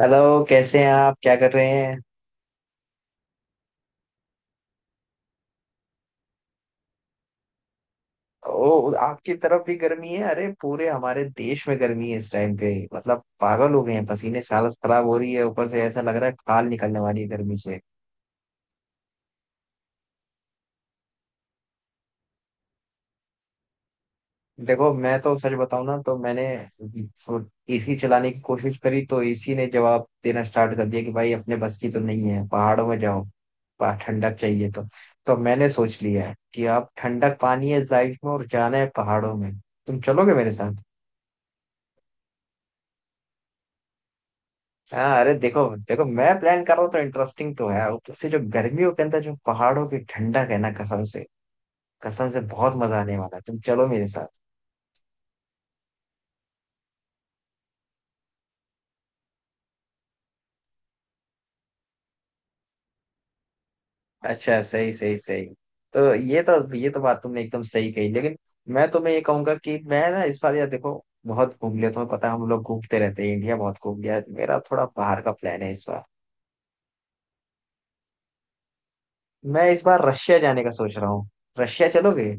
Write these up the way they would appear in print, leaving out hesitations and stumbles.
Hello. कैसे हैं आप? क्या कर रहे हैं? ओ, आपकी तरफ भी गर्मी है? अरे पूरे हमारे देश में गर्मी है इस टाइम पे, मतलब पागल हो गए हैं। पसीने से हालत खराब हो रही है, ऊपर से ऐसा लग रहा है खाल निकलने वाली है गर्मी से। देखो, मैं तो सच बताऊं ना, तो मैंने एसी चलाने की कोशिश करी तो एसी ने जवाब देना स्टार्ट कर दिया कि भाई अपने बस की तो नहीं है, पहाड़ों में जाओ। ठंडक चाहिए तो मैंने सोच लिया है कि अब ठंडक पानी है इस लाइफ में और जाना है पहाड़ों में। तुम चलोगे मेरे साथ? हाँ, अरे देखो देखो, मैं प्लान कर रहा हूँ तो इंटरेस्टिंग तो है। ऊपर से जो गर्मियों के अंदर जो पहाड़ों की ठंडक है ना, कसम से, कसम से बहुत मजा आने वाला है। तुम चलो मेरे साथ। अच्छा, सही सही सही। तो ये तो बात तुमने एकदम सही कही, लेकिन मैं तुम्हें ये कहूंगा कि मैं ना इस बार, यार देखो, बहुत घूम लिया, तुम्हें पता है हम लोग घूमते रहते हैं, इंडिया बहुत घूम लिया। मेरा थोड़ा बाहर का प्लान है इस बार। मैं इस बार रशिया जाने का सोच रहा हूँ। रशिया चलोगे?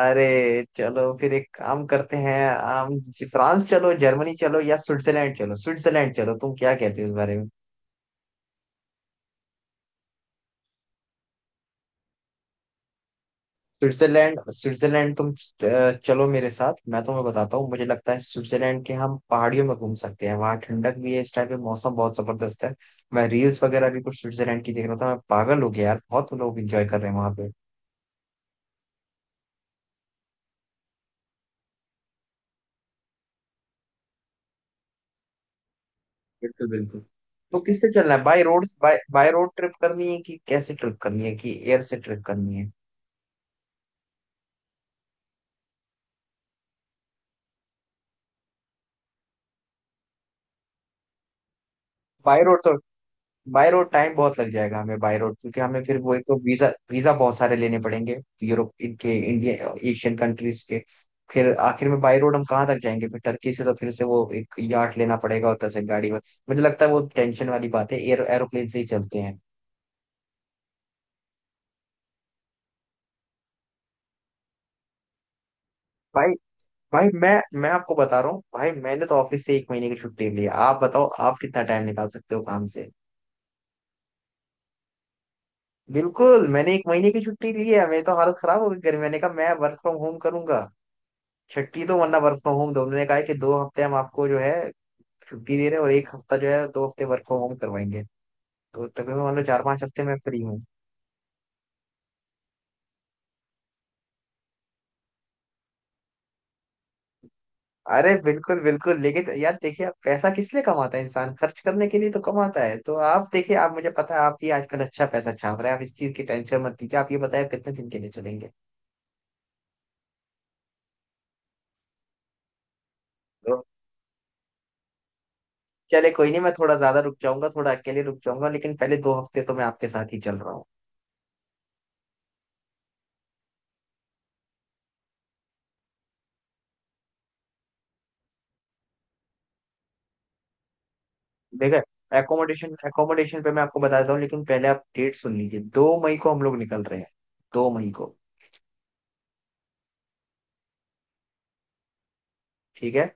अरे चलो फिर एक काम करते हैं। फ्रांस चलो, जर्मनी चलो या स्विट्जरलैंड चलो, स्विट्जरलैंड चलो, तुम क्या कहते हो इस बारे में? स्विट्जरलैंड, स्विट्जरलैंड, तुम चलो मेरे साथ, मैं तुम्हें बताता हूँ। मुझे लगता है स्विट्जरलैंड के हम पहाड़ियों में घूम सकते हैं। वहाँ ठंडक भी है इस टाइम पे, मौसम बहुत जबरदस्त है। मैं रील्स वगैरह भी कुछ स्विट्जरलैंड की देख रहा था, मैं पागल हो गया यार, बहुत लोग एंजॉय कर रहे हैं वहाँ पे। बिल्कुल बिल्कुल। तो किससे चलना है, by road, by by road trip करनी है कि कैसे ट्रिप करनी है, कि एयर से ट्रिप करनी है? बाय रोड तो, बाय रोड टाइम बहुत लग जाएगा हमें, बाय रोड क्योंकि हमें फिर वो, एक तो वीजा वीजा बहुत सारे लेने पड़ेंगे, यूरोप इनके, इंडिया एशियन कंट्रीज के। फिर आखिर में बाय रोड हम कहाँ तक जाएंगे, फिर टर्की से तो फिर से वो एक यार्ड लेना पड़ेगा और से गाड़ी में। मुझे लगता है वो टेंशन वाली बात है, एयर, एरोप्लेन से ही चलते हैं। भाई, भाई मैं आपको बता रहा हूँ भाई, मैंने तो ऑफिस से एक महीने की छुट्टी ली है, आप बताओ आप कितना टाइम निकाल सकते हो काम से। बिल्कुल, मैंने एक महीने की छुट्टी ली है, मेरी तो हालत खराब हो गई गर्मी मैंने कहा मैं वर्क फ्रॉम होम करूंगा छठी तो, वरना वर्क फ्रॉम होम। उन्होंने कहा है कि 2 हफ्ते हम आपको जो है छुट्टी दे रहे हैं और एक हफ्ता जो है, 2 हफ्ते वर्क फ्रॉम होम करवाएंगे। तो तकरीबन मान लो 4-5 हफ्ते मैं फ्री हूँ। अरे बिल्कुल बिल्कुल, लेकिन यार देखिए, आप पैसा किस लिए कमाता है इंसान, खर्च करने के लिए तो कमाता है। तो आप देखिए, आप, मुझे पता है आप भी आजकल अच्छा पैसा छाप रहे हैं, आप इस चीज की टेंशन मत लीजिए। आप ये बताए आप कितने दिन के लिए चलेंगे? तो चले, कोई नहीं, मैं थोड़ा ज्यादा रुक जाऊंगा, थोड़ा अकेले रुक जाऊंगा, लेकिन पहले 2 हफ्ते तो मैं आपके साथ ही चल रहा हूँ। देखा है। एकोमोडेशन एकोमोडेशन पे मैं आपको बताता हूँ, लेकिन पहले आप डेट सुन लीजिए। 2 मई को हम लोग निकल रहे हैं, 2 मई को, ठीक है?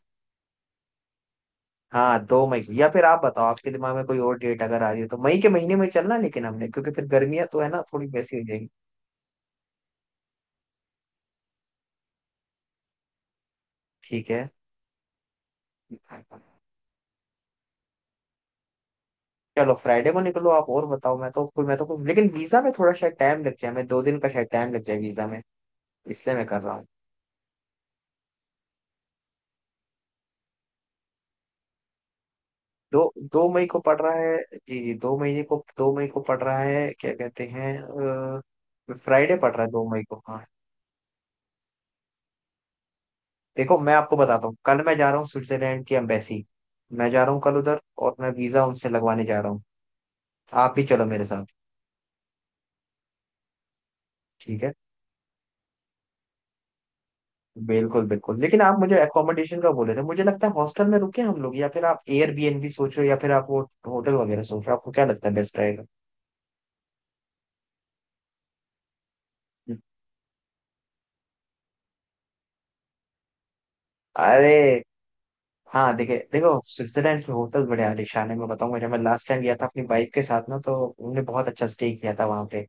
हाँ, 2 मई को, या फिर आप बताओ आपके दिमाग में कोई और डेट अगर आ रही हो तो, मई के महीने में चलना लेकिन, हमने क्योंकि फिर गर्मियां तो है ना थोड़ी वैसी हो जाएगी। ठीक है, चलो फ्राइडे को निकलो। आप और बताओ, मैं तो, मैं तो लेकिन वीजा में थोड़ा शायद टाइम लग जाए, मैं 2 दिन का शायद टाइम लग जाए वीजा में, इसलिए मैं कर रहा हूँ। दो दो मई को पड़ रहा है? जी जी, दो महीने को, दो मई को पड़ रहा है क्या कहते हैं? फ्राइडे पड़ रहा है 2 मई को, हाँ। देखो मैं आपको बताता हूँ, कल मैं जा रहा हूँ स्विट्जरलैंड की एम्बेसी, मैं जा रहा हूँ कल उधर, और मैं वीजा उनसे लगवाने जा रहा हूँ। आप भी चलो मेरे साथ। ठीक है। बिल्कुल बिल्कुल, लेकिन आप मुझे अकोमोडेशन का बोले थे। मुझे लगता है हॉस्टल में रुके हम लोग, या फिर आप एयरबीएनबी सोच रहे हो, या फिर आप वो होटल वगैरह सोच रहे हो? आपको क्या लगता है बेस्ट रहेगा? अरे हाँ, देखिए, देखो स्विट्जरलैंड के होटल बड़े आलीशान है। मैं बताऊंगा, जब मैं लास्ट टाइम गया था अपनी बाइक के साथ ना, तो हमने बहुत अच्छा स्टे किया था वहां पे।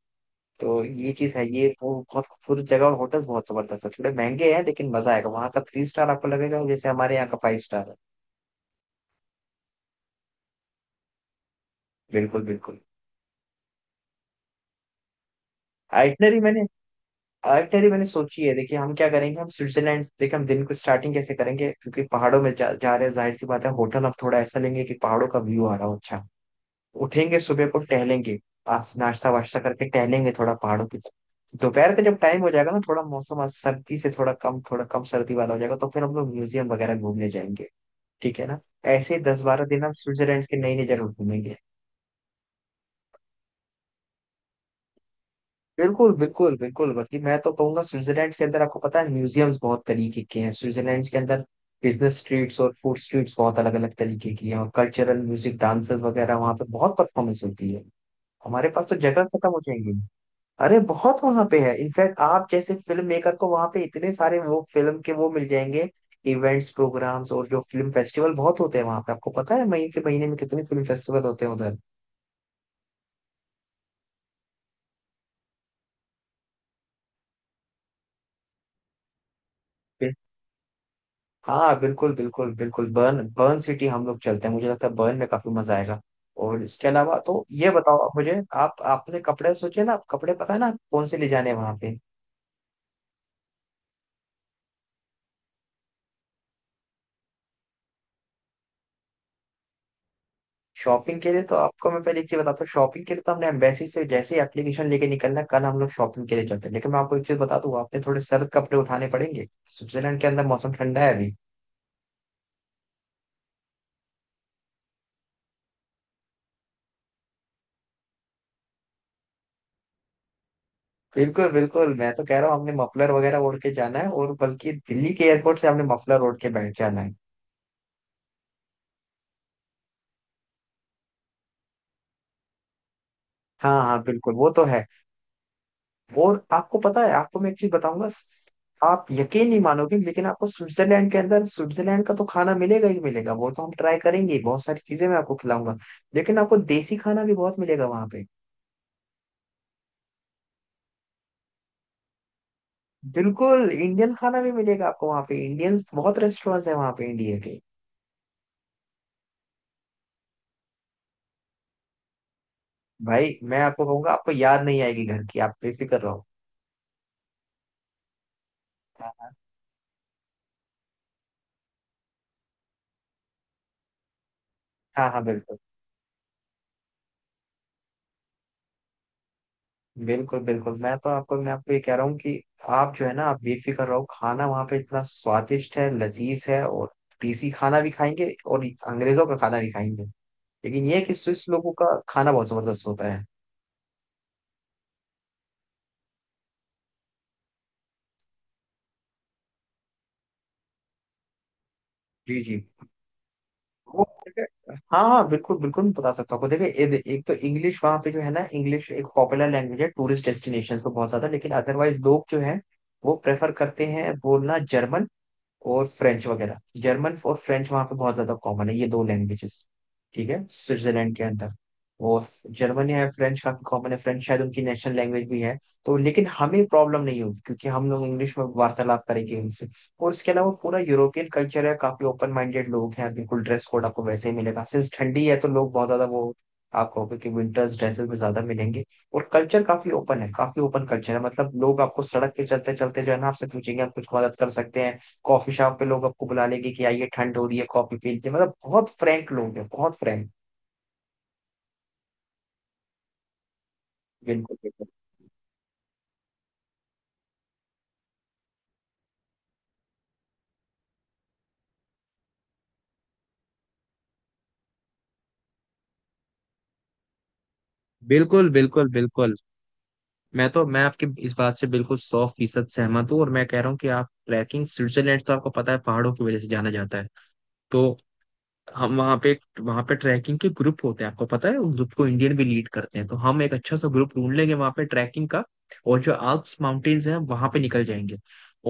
तो ये चीज है, ये वो बहुत खूबसूरत जगह, और होटल्स बहुत जबरदस्त है, थोड़े महंगे हैं लेकिन मजा आएगा वहाँ का। थ्री स्टार आपको लगेगा जैसे हमारे यहाँ का फाइव स्टार है। बिल्कुल बिल्कुल। आइटनरी मैंने आइटनरी मैंने सोची है, देखिए हम क्या करेंगे, हम स्विट्जरलैंड, देखिए हम दिन को स्टार्टिंग कैसे करेंगे, क्योंकि पहाड़ों में जा रहे हैं, जाहिर सी बात है होटल हम थोड़ा ऐसा लेंगे कि पहाड़ों का व्यू आ रहा हो, अच्छा। उठेंगे सुबह को, टहलेंगे, आज नाश्ता वाश्ता करके टहलेंगे थोड़ा पहाड़ों की तरफ। दोपहर का जब टाइम हो जाएगा ना, थोड़ा मौसम आज सर्दी से थोड़ा कम, थोड़ा कम सर्दी वाला हो जाएगा, तो फिर हम लोग म्यूजियम वगैरह घूमने जाएंगे। ठीक है ना? ऐसे ही 10-12 दिन हम स्विट्जरलैंड के नई नई जगह घूमेंगे। बिल्कुल बिल्कुल बिल्कुल, बल्कि मैं तो कहूंगा स्विट्जरलैंड के अंदर, आपको पता है म्यूजियम्स बहुत तरीके के हैं स्विट्जरलैंड के अंदर। बिजनेस स्ट्रीट्स और फूड स्ट्रीट्स बहुत अलग अलग तरीके की हैं, और कल्चरल म्यूजिक, डांसेस वगैरह वहाँ पे बहुत परफॉर्मेंस होती है, हमारे पास तो जगह खत्म हो जाएंगी। अरे बहुत वहां पे है, इनफैक्ट आप जैसे फिल्म मेकर को वहां पे इतने सारे वो फिल्म के वो मिल जाएंगे, इवेंट्स, प्रोग्राम्स, और जो फिल्म फेस्टिवल बहुत होते हैं वहां पे, आपको पता है मई के महीने में कितने फिल्म फेस्टिवल होते हैं उधर पे। हाँ बिल्कुल बिल्कुल बिल्कुल। बर्न बर्न सिटी हम लोग चलते हैं, मुझे लगता है बर्न में काफी मजा आएगा। और इसके अलावा तो ये बताओ आप मुझे, आप आपने कपड़े सोचे ना, आप कपड़े पता है ना, आप कौन से ले जाने हैं वहां पे? शॉपिंग के लिए तो आपको मैं पहले एक चीज बताता हूँ, शॉपिंग के लिए तो हमने एम्बेसी से जैसे ही एप्लीकेशन लेके निकलना, कल हम लोग शॉपिंग के लिए चलते हैं, लेकिन मैं आपको एक चीज बता दूँ, आपने थोड़े सर्द कपड़े उठाने पड़ेंगे। स्विट्जरलैंड के अंदर मौसम ठंडा है अभी। बिल्कुल बिल्कुल, मैं तो कह रहा हूँ हमने मफलर वगैरह ओढ़ के जाना है, और बल्कि दिल्ली के एयरपोर्ट से हमने मफलर ओढ़ के बैठ जाना है। हाँ हाँ बिल्कुल, वो तो है। और आपको पता है, आपको मैं एक चीज बताऊंगा। आप यकीन नहीं मानोगे, लेकिन आपको स्विट्जरलैंड के अंदर स्विट्जरलैंड का तो खाना मिलेगा ही मिलेगा, वो तो हम ट्राई करेंगे ही, बहुत सारी चीजें मैं आपको खिलाऊंगा, लेकिन आपको देसी खाना भी बहुत मिलेगा वहां पे। बिल्कुल, इंडियन खाना भी मिलेगा आपको वहां पे, इंडियंस बहुत रेस्टोरेंट्स है वहां पे इंडिया के। भाई मैं आपको कहूंगा, आपको याद नहीं आएगी घर की, आप बेफिक्र रहो। हाँ। हाँ हाँ, बिल्कुल। बिल्कुल बिल्कुल, मैं तो आपको, मैं आपको ये कह रहा हूँ कि आप जो है ना, आप बेफिक्र रहो, खाना वहाँ पे इतना स्वादिष्ट है, लजीज है, और देसी खाना भी खाएंगे और अंग्रेजों का खाना भी खाएंगे, लेकिन ये है कि स्विस लोगों का खाना बहुत जबरदस्त होता है। जी जी। वो देखिए- हाँ हाँ बिल्कुल बिल्कुल, मैं बता सकता हूँ आपको, देखिए एक तो इंग्लिश वहाँ पे जो है ना, इंग्लिश एक पॉपुलर लैंग्वेज है टूरिस्ट डेस्टिनेशन पे बहुत ज्यादा, लेकिन अदरवाइज लोग जो है वो प्रेफर करते हैं बोलना जर्मन और फ्रेंच वगैरह। जर्मन और फ्रेंच वहाँ पे बहुत ज्यादा कॉमन है, ये दो लैंग्वेजेस, ठीक है, स्विट्जरलैंड के अंदर। और जर्मन है, फ्रेंच काफी कॉमन है, फ्रेंच शायद उनकी नेशनल लैंग्वेज भी है। तो लेकिन हमें प्रॉब्लम नहीं होगी, क्योंकि हम लोग इंग्लिश में वार्तालाप करेंगे उनसे। और इसके अलावा पूरा यूरोपियन कल्चर है, काफी ओपन माइंडेड लोग हैं, बिल्कुल। ड्रेस कोड आपको वैसे ही मिलेगा, सिंस ठंडी है तो लोग बहुत ज्यादा वो, आप कहोगे कि विंटर्स ड्रेसेस में ज्यादा मिलेंगे। और कल्चर काफी ओपन है, काफी ओपन कल्चर है, मतलब लोग आपको सड़क पे चलते चलते जो है ना, आपसे पूछेंगे हम कुछ मदद कर सकते हैं? कॉफी शॉप पे लोग आपको बुला लेंगे कि आइए, ठंड हो रही है, कॉफी पी लीजिए। मतलब बहुत फ्रैंक लोग हैं, बहुत फ्रैंक। बिल्कुल बिल्कुल बिल्कुल बिल्कुल बिल्कुल। मैं तो, मैं आपकी इस बात से बिल्कुल 100 फीसद सहमत हूँ, और मैं कह रहा हूँ कि आप ट्रैकिंग, स्विट्जरलैंड तो आपको पता है पहाड़ों की वजह से जाना जाता है। तो हम वहाँ पे, वहाँ पे ट्रैकिंग के ग्रुप होते हैं, आपको पता है उस ग्रुप को इंडियन भी लीड करते हैं, तो हम एक अच्छा सा ग्रुप ढूंढ लेंगे वहाँ पे ट्रैकिंग का, और जो आल्प्स माउंटेन्स हैं वहाँ पे निकल जाएंगे।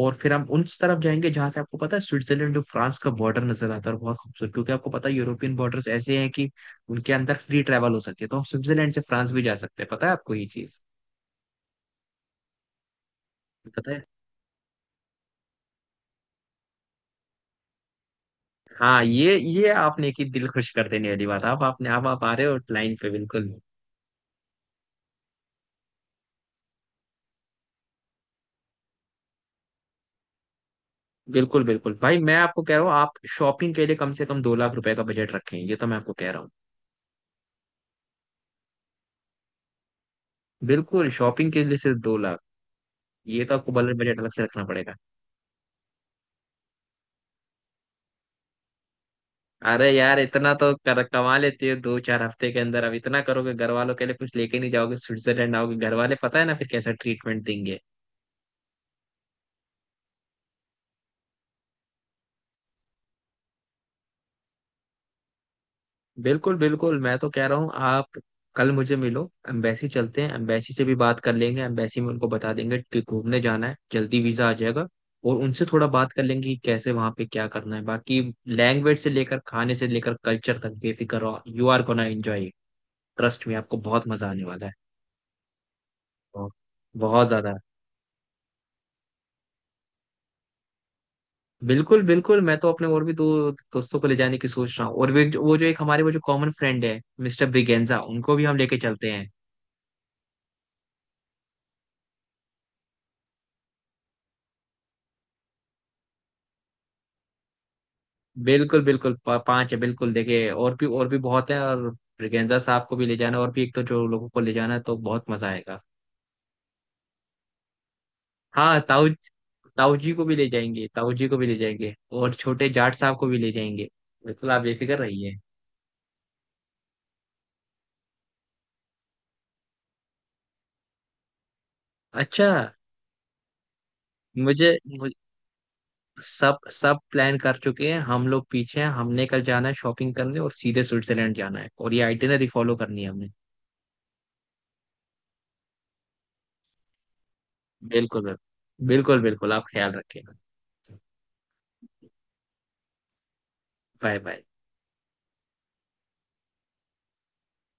और फिर हम उस तरफ जाएंगे जहाँ से आपको पता है स्विट्जरलैंड और फ्रांस का बॉर्डर नजर आता है, और बहुत खूबसूरत, क्योंकि आपको पता है यूरोपियन बॉर्डर्स ऐसे हैं कि उनके अंदर फ्री ट्रैवल हो सकती है। तो हम स्विट्जरलैंड से फ्रांस भी जा सकते हैं, पता है आपको ये चीज? पता है। हाँ, ये आपने की दिल खुश कर देने वाली बात। आप आपने आप आ रहे हो लाइन पे, बिल्कुल। बिल्कुल बिल्कुल, भाई मैं आपको कह रहा हूँ, आप शॉपिंग के लिए कम से कम 2 लाख रुपए का बजट रखें, ये तो मैं आपको कह रहा हूँ। बिल्कुल, शॉपिंग के लिए सिर्फ 2 लाख, ये तो आपको बल्कि बजट अलग से रखना पड़ेगा। अरे यार, इतना तो कमा लेते हो 2-4 हफ्ते के अंदर, अब इतना करोगे, घर वालों के लिए कुछ लेके नहीं जाओगे, स्विट्जरलैंड आओगे, घर वाले पता है ना फिर कैसा ट्रीटमेंट देंगे। बिल्कुल बिल्कुल, मैं तो कह रहा हूँ, आप कल मुझे मिलो, एम्बेसी चलते हैं, एम्बेसी से भी बात कर लेंगे, एम्बेसी में उनको बता देंगे कि घूमने जाना है, जल्दी वीजा आ जाएगा। और उनसे थोड़ा बात कर लेंगे कि कैसे वहां पे क्या करना है बाकी, लैंग्वेज से लेकर खाने से लेकर कल्चर तक। बेफिक्र रहो, you are gonna enjoy, trust में आपको बहुत मजा आने वाला है, और बहुत ज्यादा। बिल्कुल बिल्कुल, मैं तो अपने और भी दो दोस्तों को ले जाने की सोच रहा हूँ, और वो जो एक हमारे वो जो कॉमन फ्रेंड है, मिस्टर ब्रिगेंजा, उनको भी हम लेके चलते हैं। बिल्कुल बिल्कुल। 5 है बिल्कुल, देखिए और भी, और भी बहुत है। और ब्रिगेंजा साहब को भी ले जाना, और भी एक तो जो लोगों को ले जाना है, तो बहुत मजा आएगा। हाँ ताऊ, ताऊ जी को भी ले जाएंगे, ताऊ जी को भी ले जाएंगे, और छोटे जाट साहब को भी ले जाएंगे, बिल्कुल आप बेफिक्र रहिए। अच्छा मुझे, सब सब प्लान कर चुके हैं, हम लोग पीछे हैं, हमने कल जाना है शॉपिंग करने और सीधे स्विट्जरलैंड जाना है, और ये आइटिनरी फॉलो करनी है हमने। बिल्कुल बिल्कुल, बिल्कुल बिल्कुल, आप ख्याल रखिएगा। Bye bye.